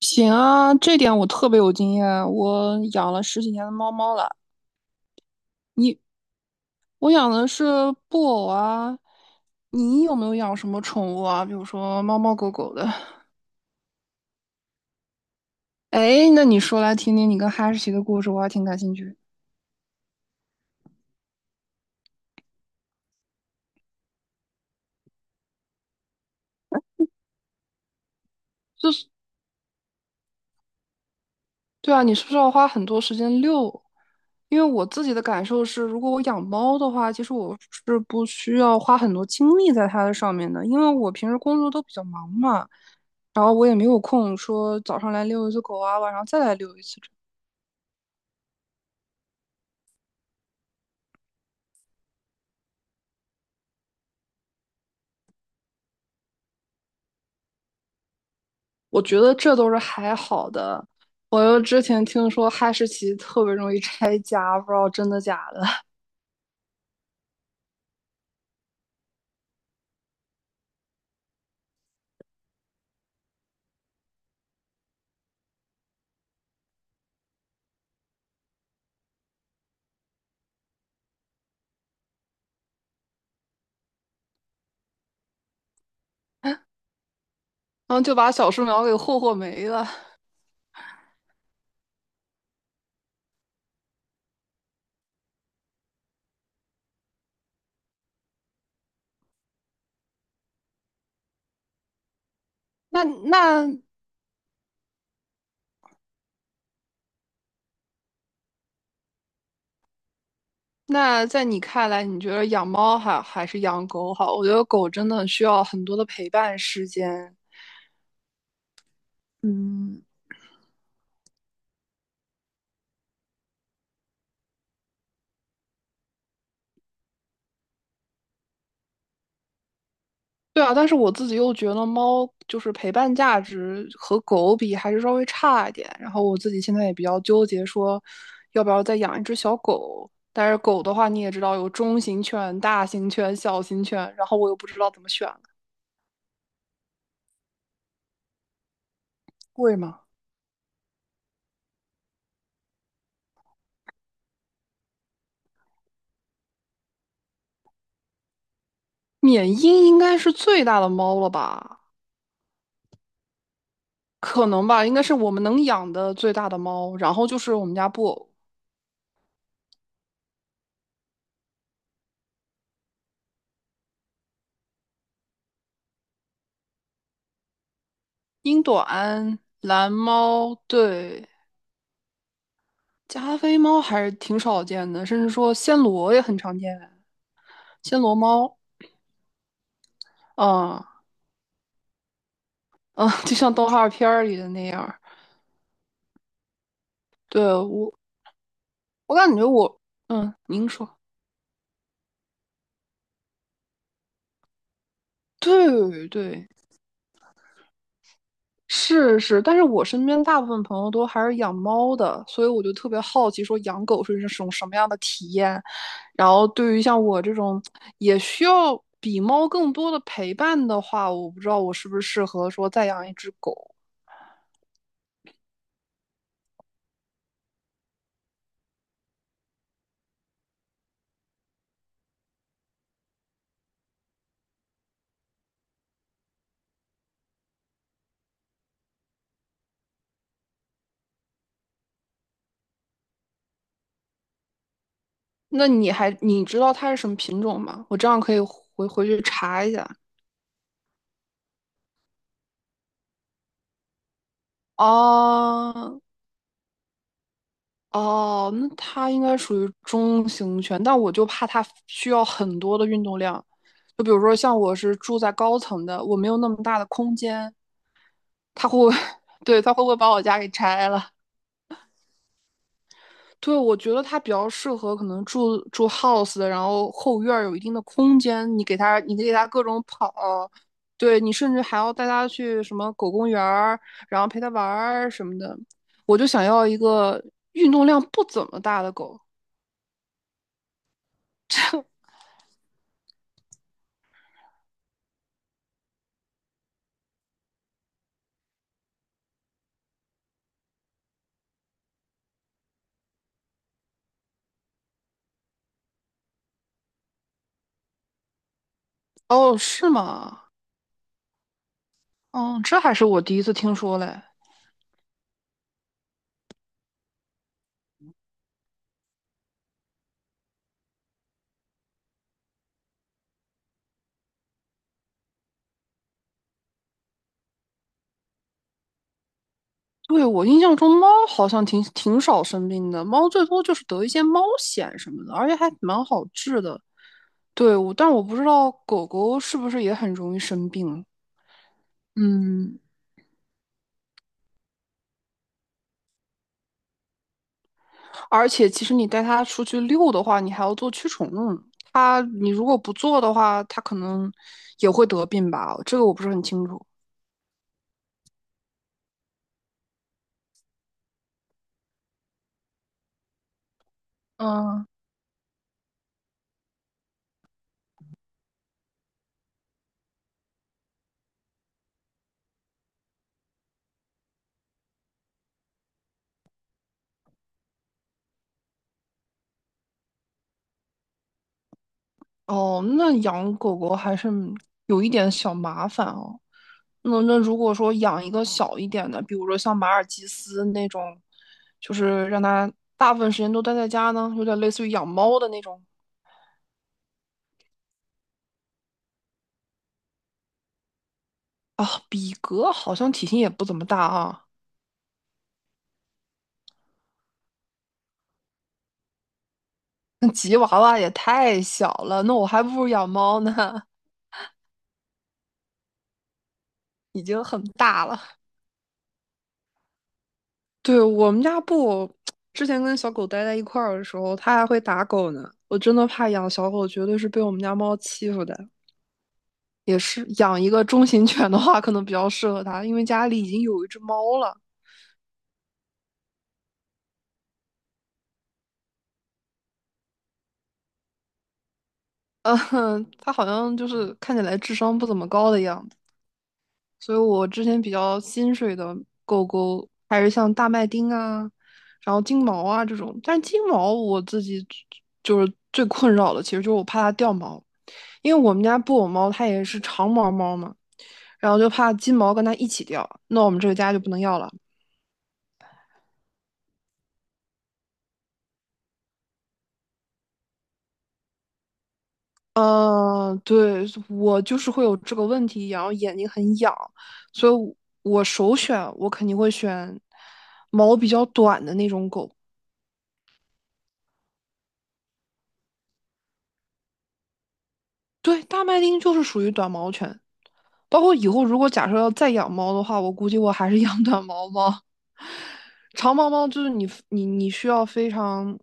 行啊，这点我特别有经验。我养了十几年的猫猫了。你，我养的是布偶啊。你有没有养什么宠物啊？比如说猫猫狗狗的。哎，那你说来听听你跟哈士奇的故事，我还挺感兴趣。对啊，你是不是要花很多时间遛？因为我自己的感受是，如果我养猫的话，其实我是不需要花很多精力在它的上面的，因为我平时工作都比较忙嘛，然后我也没有空说早上来遛一次狗啊，晚上再来遛一次这我觉得这都是还好的。我又之前听说哈士奇特别容易拆家，不知道真的假的，然后就把小树苗给霍霍没了。那那那在你看来，你觉得养猫好还是养狗好？我觉得狗真的需要很多的陪伴时间。嗯，对啊，但是我自己又觉得猫就是陪伴价值和狗比还是稍微差一点。然后我自己现在也比较纠结，说要不要再养一只小狗。但是狗的话，你也知道有中型犬、大型犬、小型犬，然后我又不知道怎么选了贵吗？缅因应该是最大的猫了吧？可能吧，应该是我们能养的最大的猫，然后就是我们家布偶、英短、蓝猫，对，加菲猫还是挺少见的，甚至说暹罗也很常见，暹罗猫，嗯嗯，就像动画片儿里的那样儿对，我，我感觉我，嗯，您说，对对，是是，但是我身边大部分朋友都还是养猫的，所以我就特别好奇，说养狗是一种什么样的体验。然后对于像我这种也需要比猫更多的陪伴的话，我不知道我是不是适合说再养一只狗。那你还你知道它是什么品种吗？我这样可以回回去查一下。哦，哦，那它应该属于中型犬，但我就怕它需要很多的运动量。就比如说，像我是住在高层的，我没有那么大的空间，它会，对，它会不会把我家给拆了？对，我觉得它比较适合可能住住 house 的然后后院儿有一定的空间，你给它，你给它各种跑，对你甚至还要带它去什么狗公园儿，然后陪它玩儿什么的。我就想要一个运动量不怎么大的狗。哦，是吗？哦，这还是我第一次听说嘞。对，我印象中猫好像挺挺少生病的，猫最多就是得一些猫癣什么的，而且还蛮好治的。对，我，但我不知道狗狗是不是也很容易生病。嗯，而且其实你带它出去遛的话，你还要做驱虫。它，你如果不做的话，它可能也会得病吧？这个我不是很清楚。嗯，哦，那养狗狗还是有一点小麻烦哦。那如果说养一个小一点的，比如说像马尔济斯那种，就是让它大部分时间都待在家呢，有点类似于养猫的那种啊。比格好像体型也不怎么大啊，那吉娃娃也太小了，那我还不如养猫呢，已经很大了。对，我们家布，之前跟小狗待在一块儿的时候，它还会打狗呢。我真的怕养小狗，绝对是被我们家猫欺负的。也是养一个中型犬的话，可能比较适合它，因为家里已经有一只猫了。嗯，它好像就是看起来智商不怎么高的样子，所以我之前比较心水的狗狗还是像大麦町啊，然后金毛啊这种。但是金毛我自己就是最困扰的，其实就是我怕它掉毛，因为我们家布偶猫它也是长毛猫嘛，然后就怕金毛跟它一起掉，那我们这个家就不能要了。嗯，对，我就是会有这个问题，然后眼睛很痒，所以我首选我肯定会选毛比较短的那种狗。对，大麦町就是属于短毛犬，包括以后如果假设要再养猫的话，我估计我还是养短毛猫。长毛猫就是你需要非常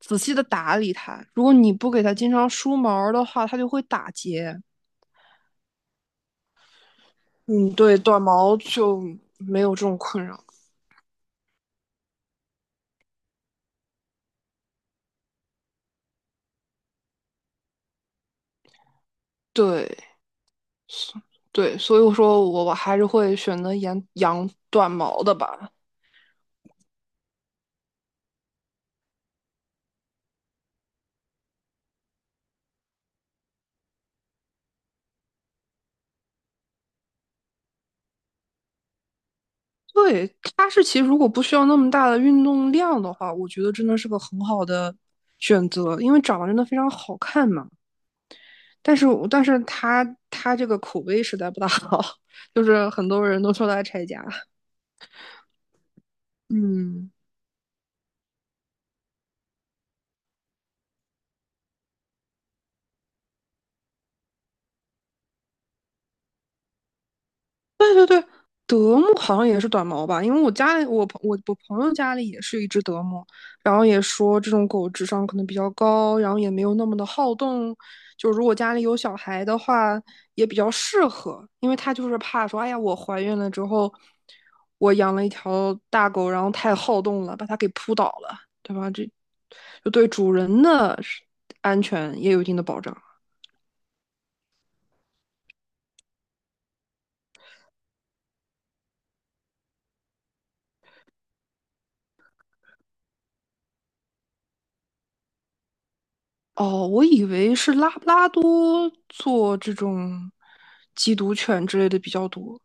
仔细的打理它，如果你不给它经常梳毛儿的话，它就会打结。嗯，对，短毛就没有这种困扰。对，对，所以我说我还是会选择养短毛的吧。对，哈士奇如果不需要那么大的运动量的话，我觉得真的是个很好的选择，因为长得真的非常好看嘛。但是它它这个口碑实在不大好，就是很多人都说它拆家。嗯。德牧好像也是短毛吧，因为我家里我朋友家里也是一只德牧，然后也说这种狗智商可能比较高，然后也没有那么的好动，就如果家里有小孩的话也比较适合，因为它就是怕说，哎呀，我怀孕了之后，我养了一条大狗，然后太好动了，把它给扑倒了，对吧？这就对主人的安全也有一定的保障。哦，我以为是拉布拉多做这种缉毒犬之类的比较多。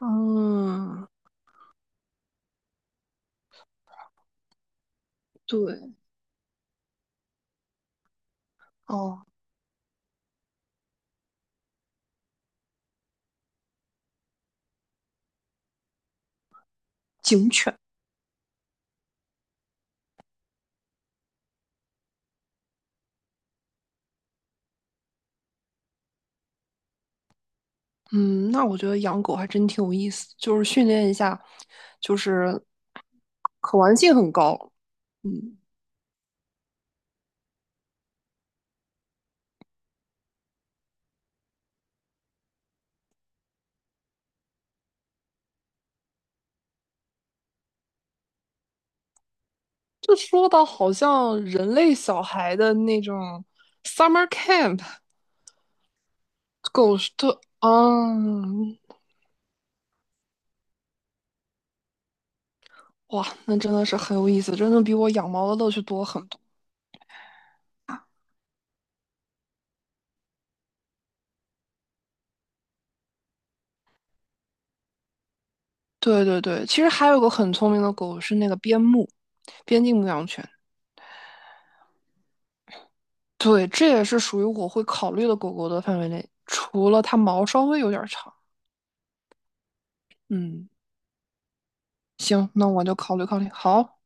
嗯，对，哦，警犬，嗯，那我觉得养狗还真挺有意思，就是训练一下，就是可玩性很高。嗯，就说到好像人类小孩的那种 summer camp，狗是的，嗯，哇，那真的是很有意思，真的比我养猫的乐趣多很多。对对对，其实还有个很聪明的狗是那个边牧，边境牧羊犬。对，这也是属于我会考虑的狗狗的范围内，除了它毛稍微有点长。嗯，行，那我就考虑考虑。好。